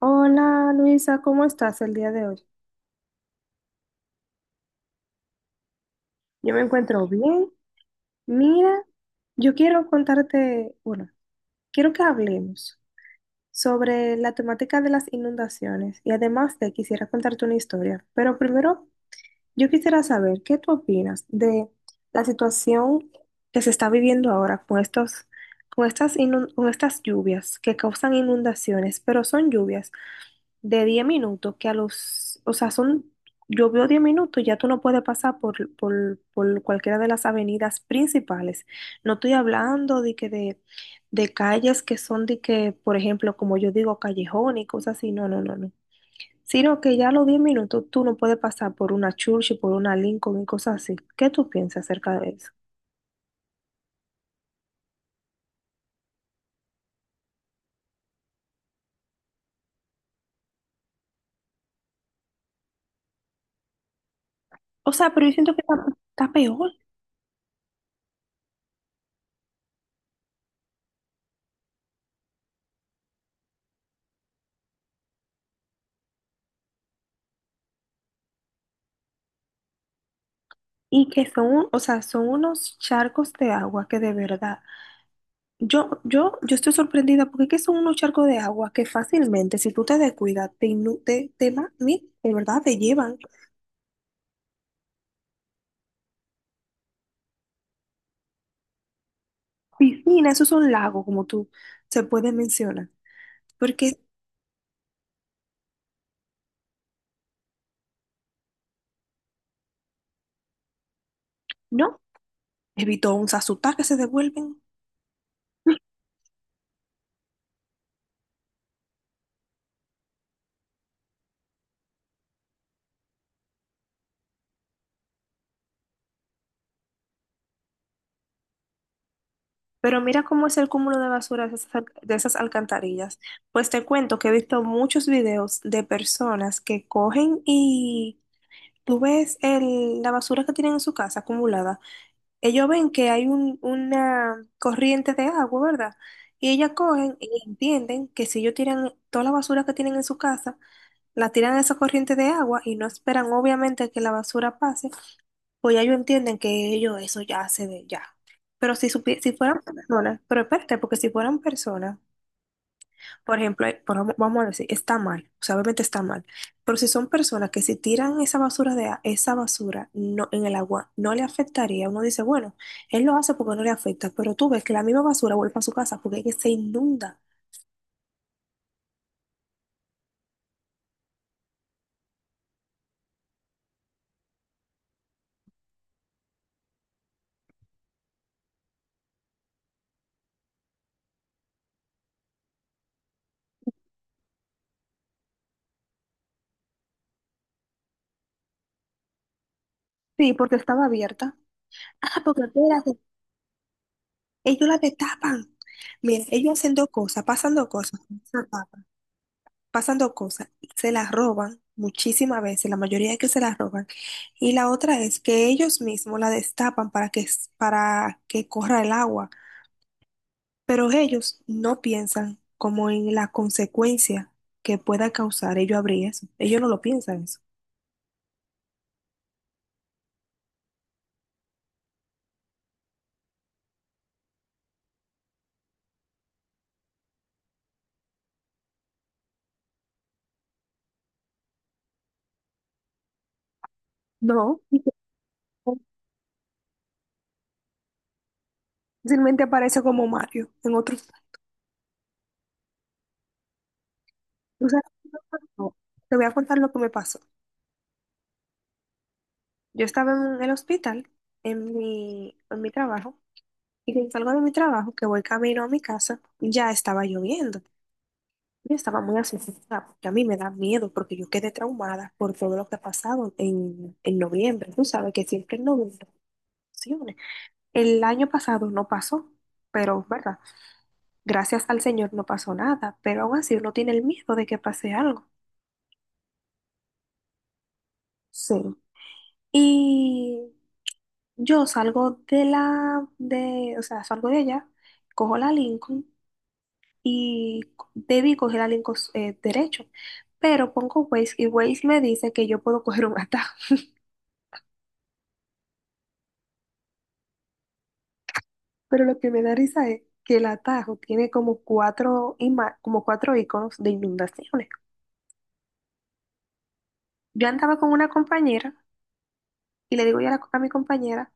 Hola Luisa, ¿cómo estás el día de hoy? Yo me encuentro bien. Mira, yo quiero contarte, quiero que hablemos sobre la temática de las inundaciones y además te quisiera contarte una historia, pero primero yo quisiera saber qué tú opinas de la situación que se está viviendo ahora con estos, con estas lluvias que causan inundaciones, pero son lluvias de 10 minutos, que a los, o sea, son, yo veo 10 minutos, ya tú no puedes pasar por cualquiera de las avenidas principales. No estoy hablando de calles que son de que, por ejemplo, como yo digo, callejón y cosas así, no, no, no, no. Sino que ya a los 10 minutos tú no puedes pasar por una Churchill, por una Lincoln y cosas así. ¿Qué tú piensas acerca de eso? O sea, pero yo siento que está peor y que son, o sea, son unos charcos de agua que de verdad. Yo estoy sorprendida porque es que son unos charcos de agua que fácilmente, si tú te descuidas, te, innu- te va- ni- de verdad te llevan. Piscina, esos son lagos, como tú se puede mencionar. Porque no, evitó un sasutá que se devuelven. Pero mira cómo es el cúmulo de basura de esas, de esas alcantarillas. Pues te cuento que he visto muchos videos de personas que cogen y tú ves la basura que tienen en su casa acumulada. Ellos ven que hay una corriente de agua, ¿verdad? Y ellas cogen y entienden que si ellos tiran toda la basura que tienen en su casa, la tiran a esa corriente de agua y no esperan obviamente que la basura pase, pues ya ellos entienden que ellos eso ya se ve ya. Pero si, si fueran personas, pero espérate, porque si fueran personas, por ejemplo, vamos a decir, está mal, o sea, obviamente está mal, pero si son personas que si tiran esa basura esa basura no, en el agua, no le afectaría, uno dice, bueno, él lo hace porque no le afecta, pero tú ves que la misma basura vuelve a su casa porque es que se inunda. Sí, porque estaba abierta. Ah, porque espérate, ellos la destapan. Mira, ellos hacen dos cosas, pasan dos cosas. Se las roban muchísimas veces, la mayoría que se las roban. Y la otra es que ellos mismos la destapan para que corra el agua, pero ellos no piensan como en la consecuencia que pueda causar ellos abrir eso. Ellos no lo piensan eso. No. Y fácilmente aparece como Mario en otros. O sea, no. Te voy a contar lo que me pasó. Yo estaba en el hospital, en mi trabajo. Y que salgo de mi trabajo, que voy camino a mi casa, ya estaba lloviendo. Yo estaba muy asustada, porque a mí me da miedo, porque yo quedé traumada por todo lo que ha pasado en noviembre. Tú sabes que siempre en noviembre funciona. El año pasado no pasó, pero, ¿verdad? Gracias al Señor no pasó nada, pero aún así uno tiene el miedo de que pase algo. Sí. Y yo salgo o sea, salgo de allá, cojo la Lincoln y debí coger al derecho. Pero pongo Waze y Waze me dice que yo puedo coger un atajo. Pero lo que me da risa es que el atajo tiene como cuatro, como cuatro iconos de inundaciones. Yo andaba con una compañera y le digo yo a mi compañera,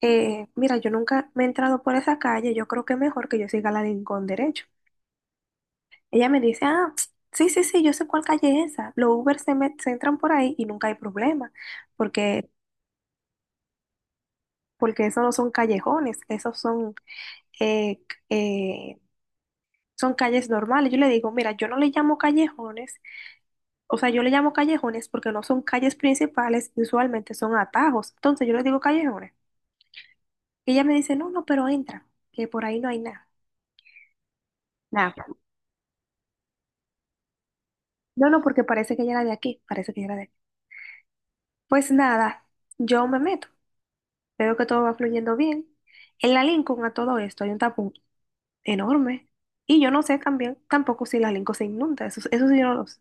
mira, yo nunca me he entrado por esa calle, yo creo que es mejor que yo siga la Rincón derecho. Ella me dice, ah, ps, sí, sí, sí, yo sé cuál calle es esa. Los Uber se, me se entran por ahí y nunca hay problema, porque porque esos no son callejones, esos son, eh, eh, son calles normales. Yo le digo, mira, yo no le llamo callejones, o sea, yo le llamo callejones porque no son calles principales, y usualmente son atajos. Entonces yo le digo callejones. Y ella me dice, no, no, pero entra, que por ahí no hay nada. Nada. No, no, porque parece que ella era de aquí, parece que ella era de aquí. Pues nada, yo me meto, veo que todo va fluyendo bien. En la Lincoln a todo esto hay un tapón enorme. Y yo no sé también, tampoco si la Lincoln se inunda, eso sí yo no lo sé.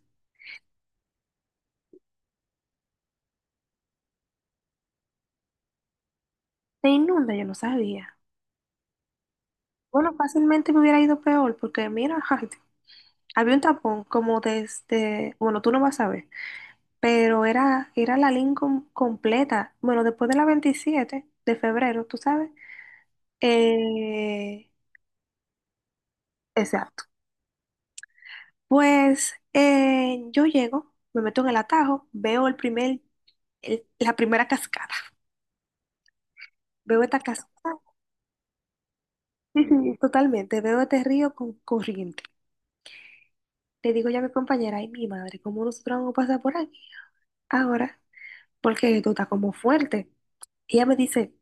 Se inunda, yo no sabía. Bueno, fácilmente me hubiera ido peor porque mira, ay, había un tapón como desde, bueno, tú no vas a ver, pero era, era la Lincoln completa. Bueno, después de la 27 de febrero, tú sabes. Eh, exacto. Pues yo llego, me meto en el atajo, veo la primera cascada. Veo esta cascada. Sí, sí, totalmente. Veo este río con corriente. Le digo ya a mi compañera, ay, mi madre, ¿cómo nosotros vamos a pasar por ahí? Ahora, porque tú estás como fuerte. Y ella me dice,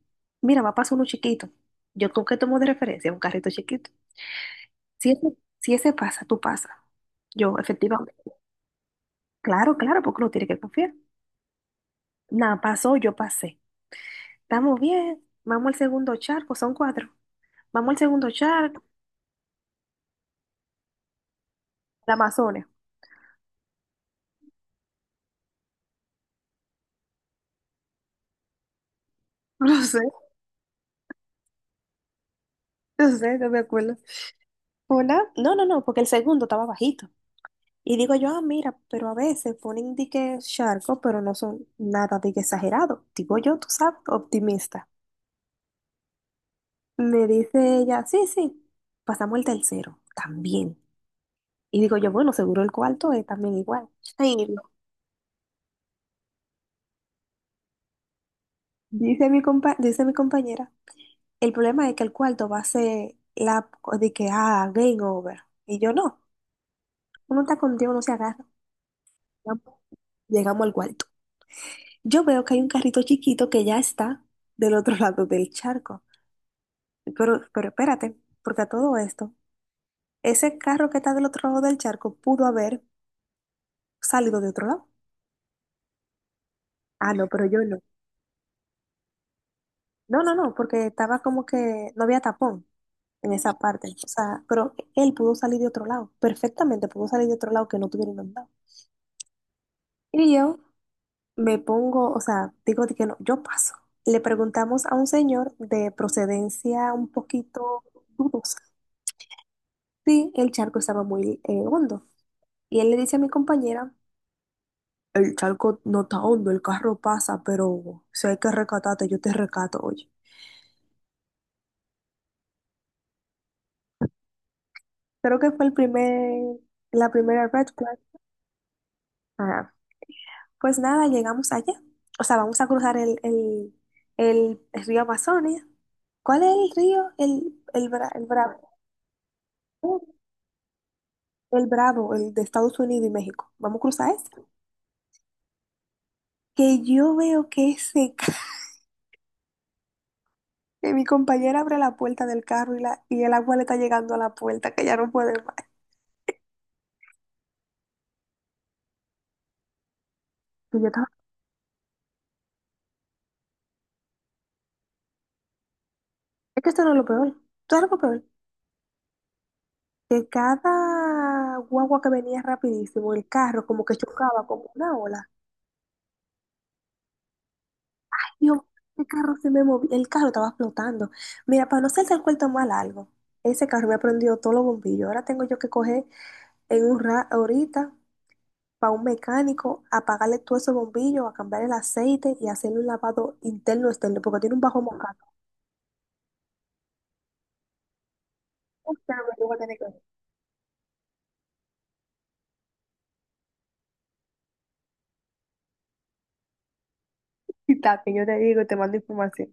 mira, va a pasar uno chiquito. Yo con qué tomo de referencia un carrito chiquito. Si ese, si ese pasa, tú pasas. Yo, efectivamente. Claro, claro, porque uno tiene que confiar. Nada, pasó, yo pasé. Estamos bien. Vamos al segundo charco, son cuatro. Vamos al segundo charco, la Amazonia. No sé, no me acuerdo. Hola. No, no, no, porque el segundo estaba bajito. Y digo yo, ah, mira, pero a veces ponen de que charco, pero no son nada de que exagerado. Digo yo, tú sabes, optimista. Me dice ella, sí, sí, pasamos el tercero, también. Y digo yo, bueno, seguro el cuarto es también igual. Ay, no. Dice mi compañera, el problema es que el cuarto va a ser la de que, ah, game over. Y yo, no, uno está contigo, no se agarra. Vamos. Llegamos al cuarto. Yo veo que hay un carrito chiquito que ya está del otro lado del charco. Pero espérate, porque a todo esto, ese carro que está del otro lado del charco pudo haber salido de otro lado. Ah, no, pero yo no. No, no, no, porque estaba como que no había tapón en esa parte. O sea, pero él pudo salir de otro lado, perfectamente pudo salir de otro lado que no tuviera inundado. Y yo me pongo, o sea, digo de que no, yo paso. Le preguntamos a un señor de procedencia un poquito dudosa si el charco estaba muy hondo. Y él le dice a mi compañera: el charco no está hondo, el carro pasa, pero si hay que rescatarte, yo te rescato, oye. Creo que fue la primera red flag. Ajá. Pues nada, llegamos allá. O sea, vamos a cruzar el río Amazonas. ¿Cuál es el río? El Bravo. El Bravo, el de Estados Unidos y México. Vamos a cruzar ese. Que yo veo que ese ca- que mi compañera abre la puerta del carro y, y el agua le está llegando a la puerta, que ya no puede más. Y yo estaba. Es que esto no es lo peor. Todo lo peor. Que cada guagua que venía rapidísimo, el carro como que chocaba como una ola. Yo, el carro se me movía, el carro estaba flotando. Mira, para no ser el cuento más largo, ese carro me ha prendido todos los bombillos. Ahora tengo yo que coger en un ra ahorita para un mecánico, apagarle todos esos bombillos, a cambiar el aceite y hacerle un lavado interno externo, porque tiene un bajo mojado. O sea, me lo voy a tener que quitar, que yo te digo y te mando información.